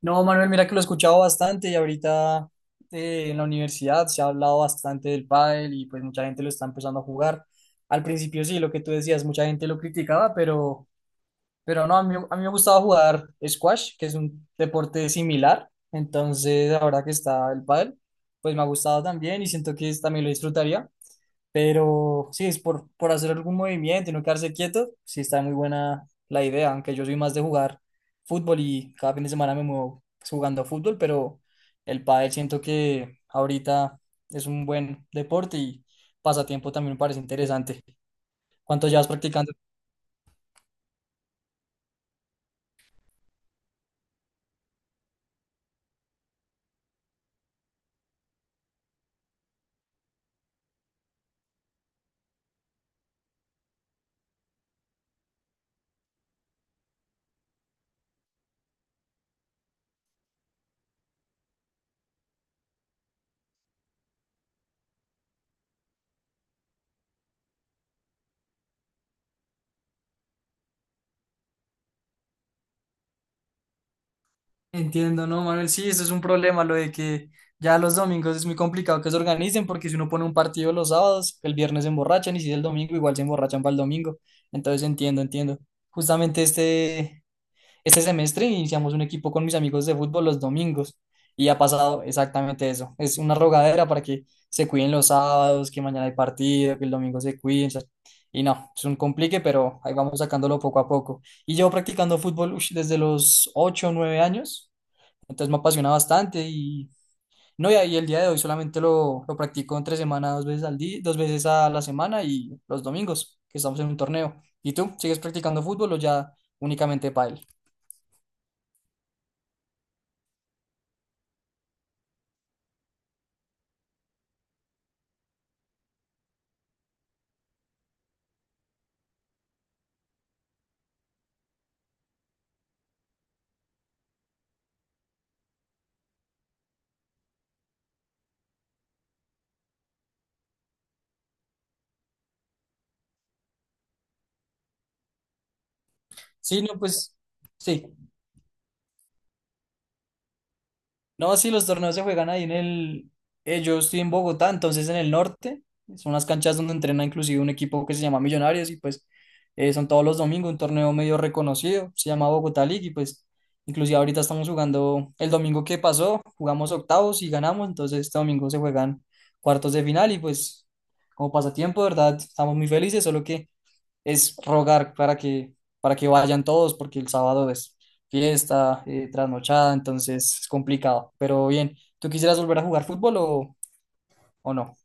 No, Manuel, mira que lo he escuchado bastante y ahorita en la universidad se ha hablado bastante del pádel y pues mucha gente lo está empezando a jugar. Al principio sí, lo que tú decías, mucha gente lo criticaba, pero no, a mí me gustaba jugar squash, que es un deporte similar. Entonces, ahora que está el pádel, pues me ha gustado también y siento que también lo disfrutaría. Pero sí, es por hacer algún movimiento y no quedarse quieto. Sí, está muy buena la idea, aunque yo soy más de jugar fútbol y cada fin de semana me muevo pues, jugando fútbol, pero el pádel siento que ahorita es un buen deporte y pasatiempo también me parece interesante. ¿Cuánto llevas practicando? Entiendo, ¿no, Manuel? Sí, eso es un problema, lo de que ya los domingos es muy complicado que se organicen porque si uno pone un partido los sábados, el viernes se emborrachan y si es el domingo, igual se emborrachan para el domingo. Entonces entiendo. Justamente este semestre iniciamos un equipo con mis amigos de fútbol los domingos y ha pasado exactamente eso. Es una rogadera para que se cuiden los sábados, que mañana hay partido, que el domingo se cuiden, o sea. Y no, es un complique, pero ahí vamos sacándolo poco a poco. Y llevo practicando fútbol desde los 8 o 9 años. Entonces me apasiona bastante y no, y ahí el día de hoy solamente lo practico entre semana, dos veces al día, dos veces a la semana y los domingos, que estamos en un torneo. ¿Y tú sigues practicando fútbol o ya únicamente pádel? Sí, no, pues sí. No, sí, los torneos se juegan ahí en el... yo estoy en Bogotá, entonces en el norte. Son las canchas donde entrena inclusive un equipo que se llama Millonarios y pues son todos los domingos un torneo medio reconocido. Se llama Bogotá League y pues inclusive ahorita estamos jugando el domingo que pasó, jugamos octavos y ganamos, entonces este domingo se juegan cuartos de final y pues como pasatiempo, de ¿verdad? Estamos muy felices, solo que es rogar para que vayan todos, porque el sábado es fiesta, trasnochada, entonces es complicado. Pero bien, ¿tú quisieras volver a jugar fútbol o no?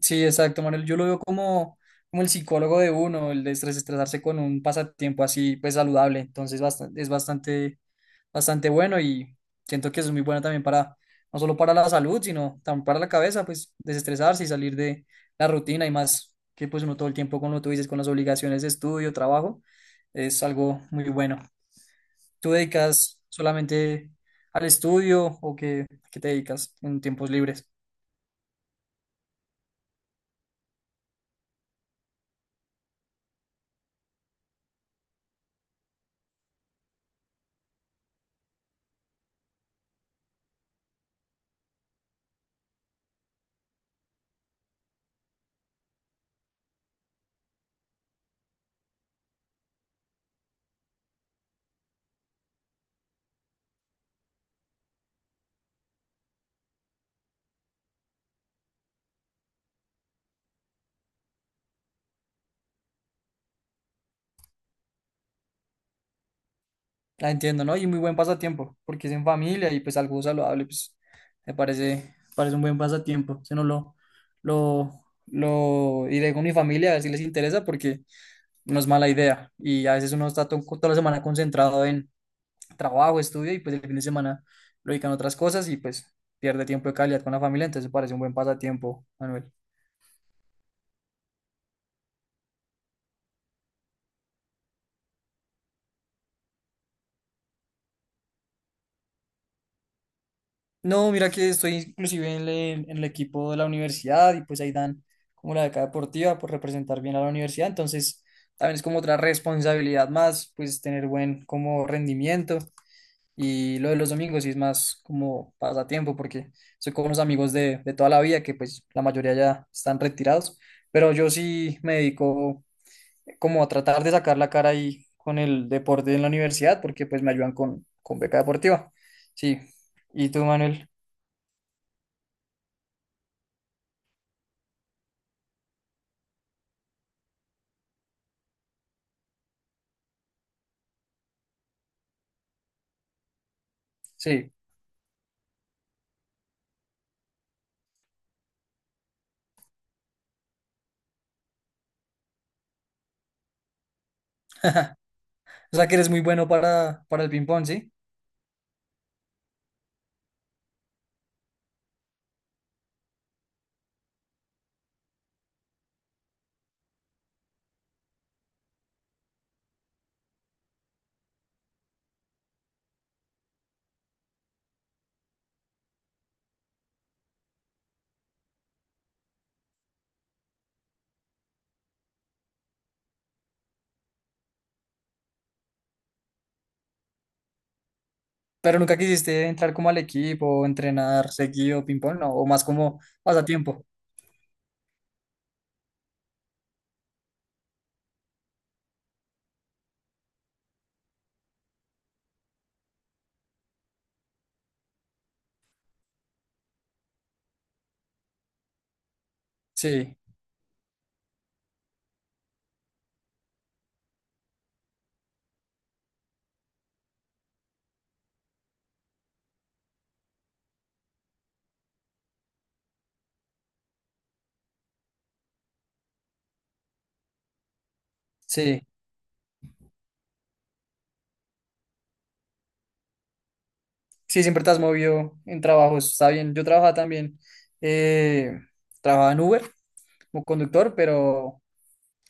Sí, exacto, Manuel. Yo lo veo como el psicólogo de uno, el de desestresarse con un pasatiempo así, pues saludable. Entonces, bastante bueno y siento que es muy bueno también no solo para la salud, sino también para la cabeza, pues desestresarse y salir de la rutina y más que pues uno todo el tiempo, como tú dices, con las obligaciones de estudio, trabajo, es algo muy bueno. ¿Tú dedicas solamente al estudio o qué te dedicas en tiempos libres? La entiendo, ¿no? Y muy buen pasatiempo, porque es en familia y pues algo saludable, pues me parece un buen pasatiempo. Si no lo, lo iré con mi familia a ver si les interesa, porque no es mala idea. Y a veces uno está toda la semana concentrado en trabajo, estudio, y pues el fin de semana lo dedican a otras cosas y pues pierde tiempo de calidad con la familia, entonces parece un buen pasatiempo, Manuel. No, mira que estoy inclusive en el equipo de la universidad y pues ahí dan como la beca deportiva por representar bien a la universidad. Entonces, también es como otra responsabilidad más, pues tener buen como rendimiento. Y lo de los domingos sí es más como pasatiempo porque soy con unos amigos de toda la vida que pues la mayoría ya están retirados. Pero yo sí me dedico como a tratar de sacar la cara ahí con el deporte en la universidad porque pues me ayudan con beca deportiva. Sí. ¿Y tú, Manuel? Sí. O sea que eres muy bueno para el ping-pong, ¿sí? Pero nunca quisiste entrar como al equipo, entrenar seguido ping-pong, ¿no? O más como pasatiempo. Sí, sí. Sí, siempre te has movido en trabajos. Está bien. Yo trabajaba también. eh, Trabajaba en Uber como conductor, pero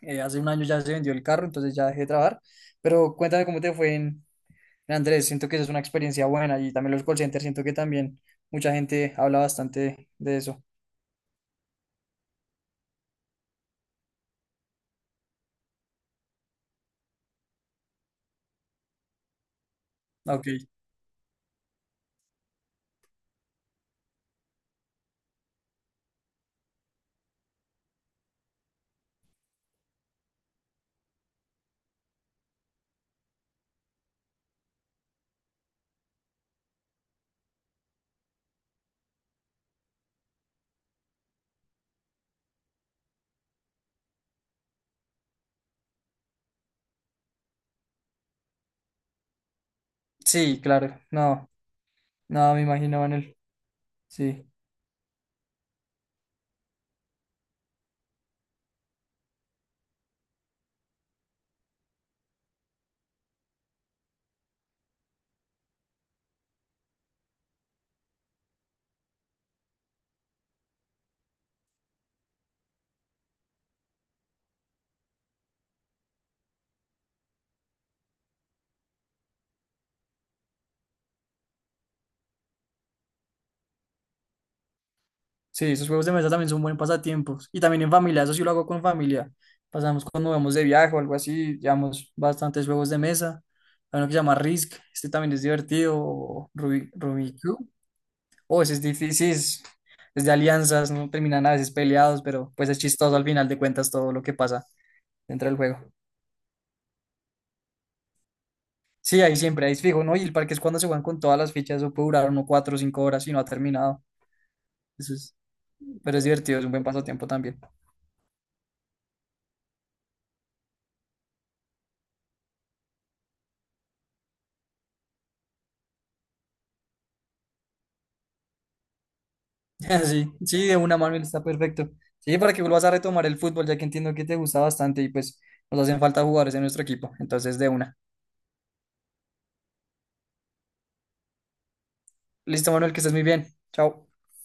hace un año ya se vendió el carro, entonces ya dejé de trabajar. Pero cuéntame cómo te fue en Andrés. Siento que esa es una experiencia buena y también los call centers. Siento que también mucha gente habla bastante de eso. Ok. Sí, claro. No. No, me imagino, Manuel. Sí. Sí, esos juegos de mesa también son buen pasatiempos. Y también en familia, eso sí lo hago con familia. Pasamos cuando vamos de viaje o algo así, llevamos bastantes juegos de mesa. Hay uno que se llama Risk, este también es divertido, o Rubik Cube. Oh, ese es difícil, es de alianzas, no terminan a veces peleados, pero pues es chistoso al final de cuentas todo lo que pasa dentro del juego. Sí, ahí siempre, ahí es fijo, ¿no? Y el parque es cuando se juegan con todas las fichas, eso puede durar uno 4 o 5 horas y no ha terminado. Eso es, pero es divertido, es un buen pasatiempo también. Sí, sí, de una, Manuel, está perfecto. Sí, para que vuelvas a retomar el fútbol, ya que entiendo que te gusta bastante y pues nos hacen falta jugadores en nuestro equipo. Entonces, de una. Listo, Manuel, que estés muy bien. Chao.